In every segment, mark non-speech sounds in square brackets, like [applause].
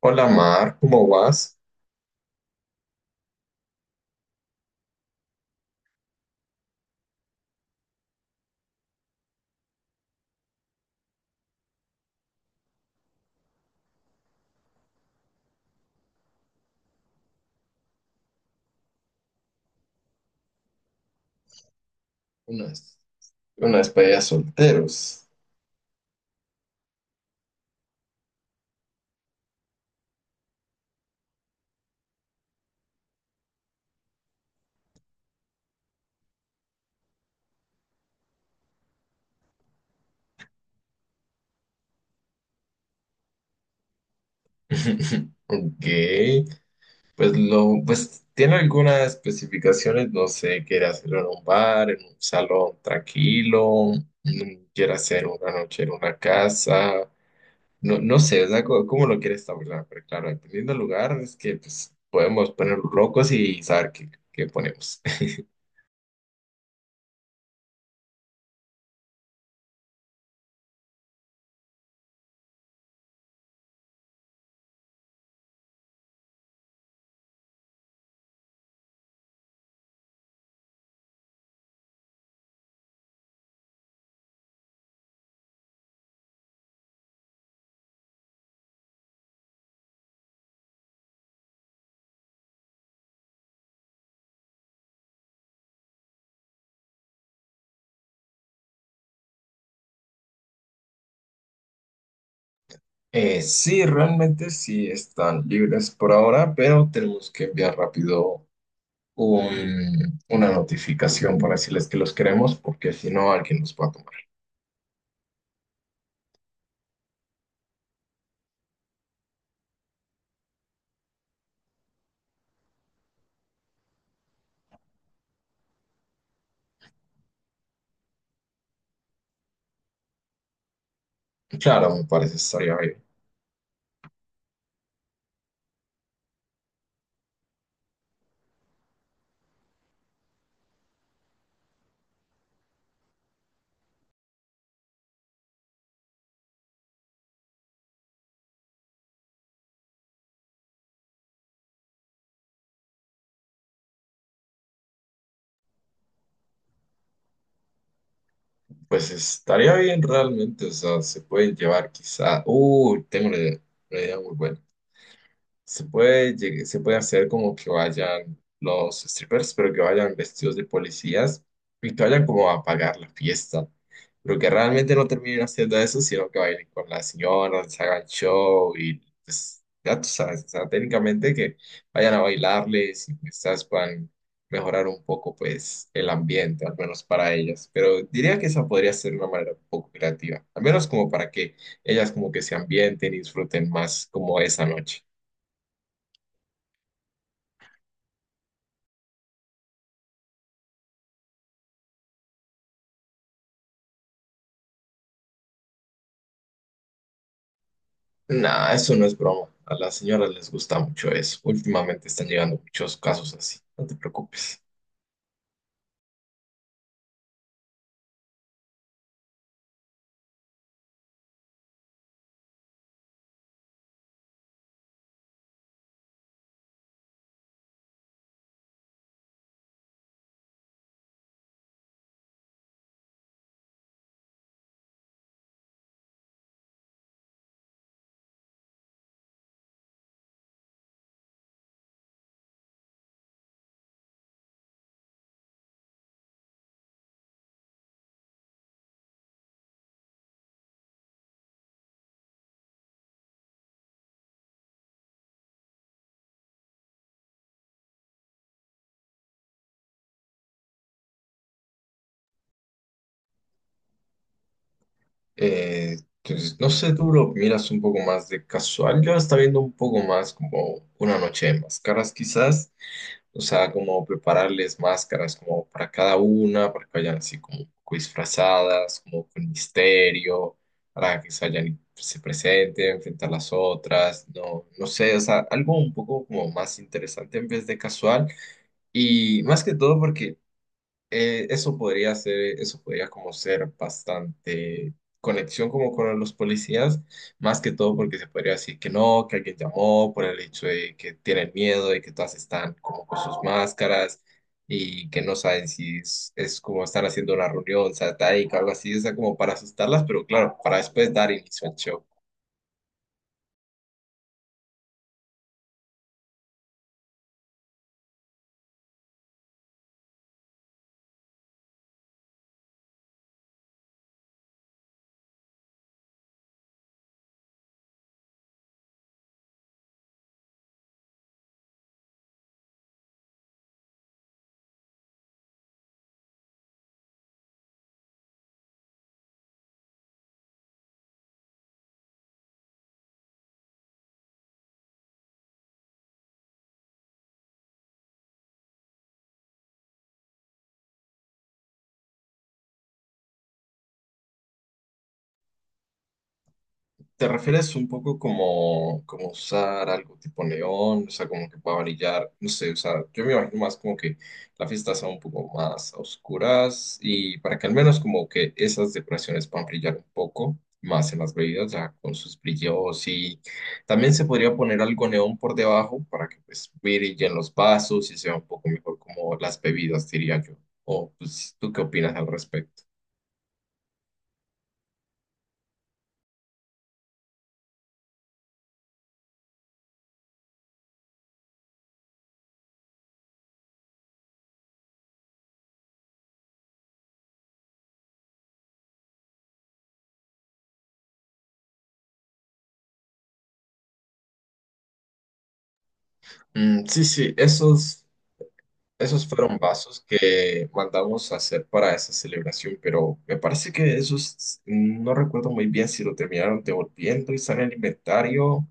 Hola Mar, ¿cómo vas? [laughs] Unas, unas payas solteros. [laughs] Ok, pues tiene algunas especificaciones, no sé, quiere hacerlo en un bar, en un salón tranquilo, quiere hacer una noche en una casa, no, no sé, o sea, ¿cómo lo quiere establecer? Pero claro, dependiendo del lugar, es que pues podemos poner locos y saber qué, qué ponemos. [laughs] Sí, realmente sí están libres por ahora, pero tenemos que enviar rápido una notificación para decirles que los queremos, porque si no, alguien los va a tomar. Claro, me parece estaría bien. Pues estaría bien realmente, o sea, se pueden llevar quizá. Uy, tengo una idea muy buena. Se puede, se puede hacer como que vayan los strippers, pero que vayan vestidos de policías y que vayan como a pagar la fiesta. Pero que realmente no terminen haciendo eso, sino que bailen con las señoras, se hagan show y pues ya tú sabes, o sea, técnicamente que vayan a bailarles y quizás puedan mejorar un poco pues el ambiente, al menos para ellas. Pero diría que esa podría ser una manera un poco creativa, al menos como para que ellas como que se ambienten y disfruten más como esa noche. Nah, eso no es broma. A las señoras les gusta mucho eso. Últimamente están llegando muchos casos así. No te preocupes. Eh, entonces, no sé, tú lo miras un poco más de casual. Yo está viendo un poco más como una noche de máscaras, quizás. O sea, como prepararles máscaras como para cada una, para que vayan así como un poco disfrazadas, como con misterio, para que se vayan y se presenten frente a las otras. No, no sé, o sea, algo un poco como más interesante en vez de casual. Y más que todo porque eso podría ser, eso podría como ser bastante conexión como con los policías, más que todo porque se podría decir que no, que alguien llamó por el hecho de que tienen miedo y que todas están como con sus máscaras y que no saben si es, es como están haciendo una reunión satánica o algo así, o sea, como para asustarlas, pero claro, para después dar inicio al show. ¿Te refieres un poco como, como usar algo tipo neón? O sea, como que pueda brillar, no sé, o sea, yo me imagino más como que la fiesta sea un poco más a oscuras y para que al menos como que esas decoraciones puedan brillar un poco más en las bebidas, ya con sus brillos, y también se podría poner algo neón por debajo para que pues brillen los vasos y sea un poco mejor como las bebidas, diría yo. O pues, ¿tú qué opinas al respecto? Mm, sí, sí, esos. Esos fueron vasos que mandamos a hacer para esa celebración, pero me parece que esos, no recuerdo muy bien si lo terminaron devolviendo y están en el inventario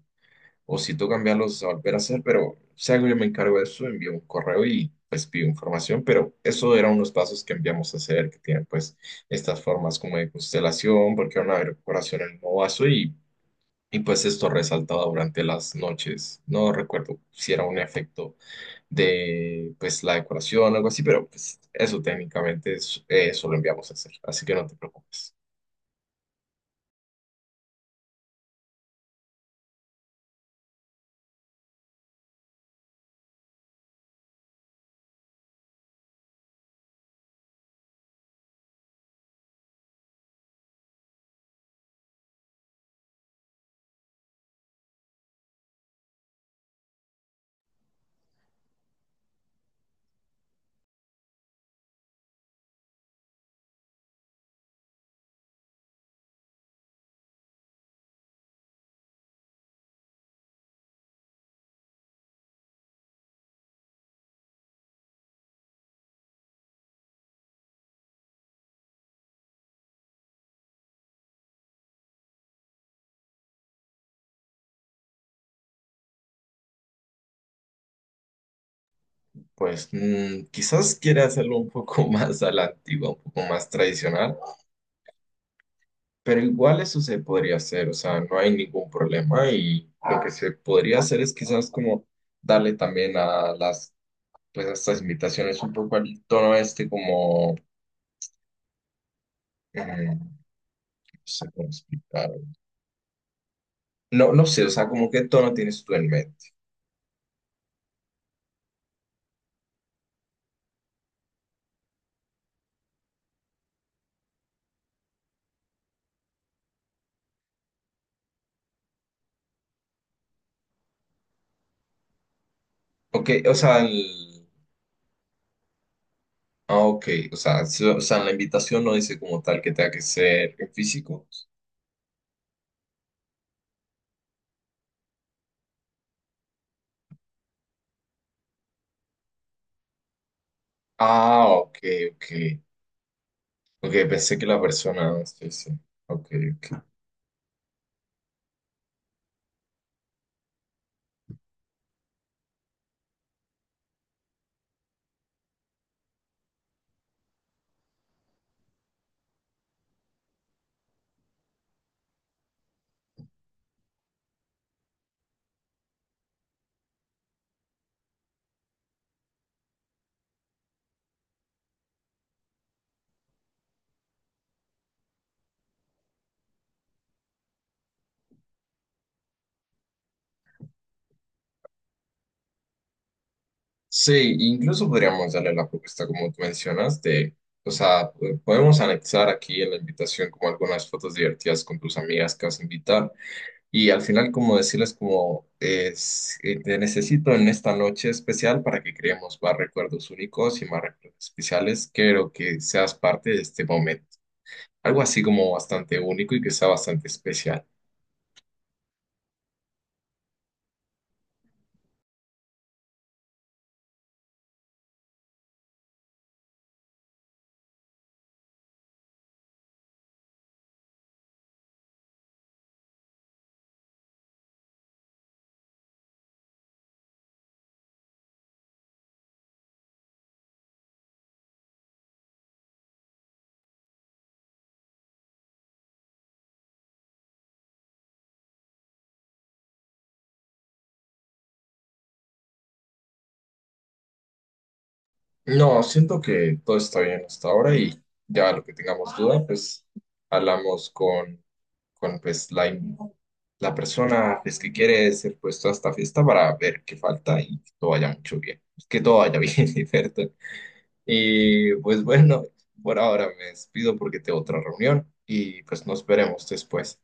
o si tú cambiarlos a volver a hacer, pero si algo yo me encargo de eso, envío un correo y pues pido información. Pero eso eran unos vasos que enviamos a hacer que tienen pues estas formas como de constelación, porque era una decoración en el nuevo vaso, y pues esto resaltaba durante las noches. No recuerdo si era un efecto de pues la decoración algo así, pero pues eso técnicamente es, eso lo enviamos a hacer, así que no te preocupes. Pues quizás quiera hacerlo un poco [laughs] más a la antigua, un poco más tradicional, pero igual eso se podría hacer, o sea, no hay ningún problema, y lo que se podría hacer es quizás como darle también a las, pues a estas invitaciones un poco al tono este como, mm, no sé cómo explicar. No, no sé, o sea, como qué tono tienes tú en mente. Ok, o sea, ah, ok. O sea, o sea, en la invitación no dice como tal que tenga que ser en físico. Ah, ok, ok. Ok, pensé que la persona. Ah, sí, sí. Ok, ok. Sí, incluso podríamos darle la propuesta como tú mencionas de, o sea, podemos anexar aquí en la invitación como algunas fotos divertidas con tus amigas que vas a invitar. Y al final, como decirles, como es, te necesito en esta noche especial para que creemos más recuerdos únicos y más recuerdos especiales. Quiero que seas parte de este momento. Algo así como bastante único y que sea bastante especial. No, siento que todo está bien hasta ahora, y ya lo que tengamos duda, pues hablamos con pues, la persona pues, que quiere ser puesto a esta fiesta para ver qué falta y que todo vaya mucho bien. Que todo vaya bien, [laughs] ¿cierto? Y pues bueno, por ahora me despido porque tengo otra reunión y pues nos veremos después.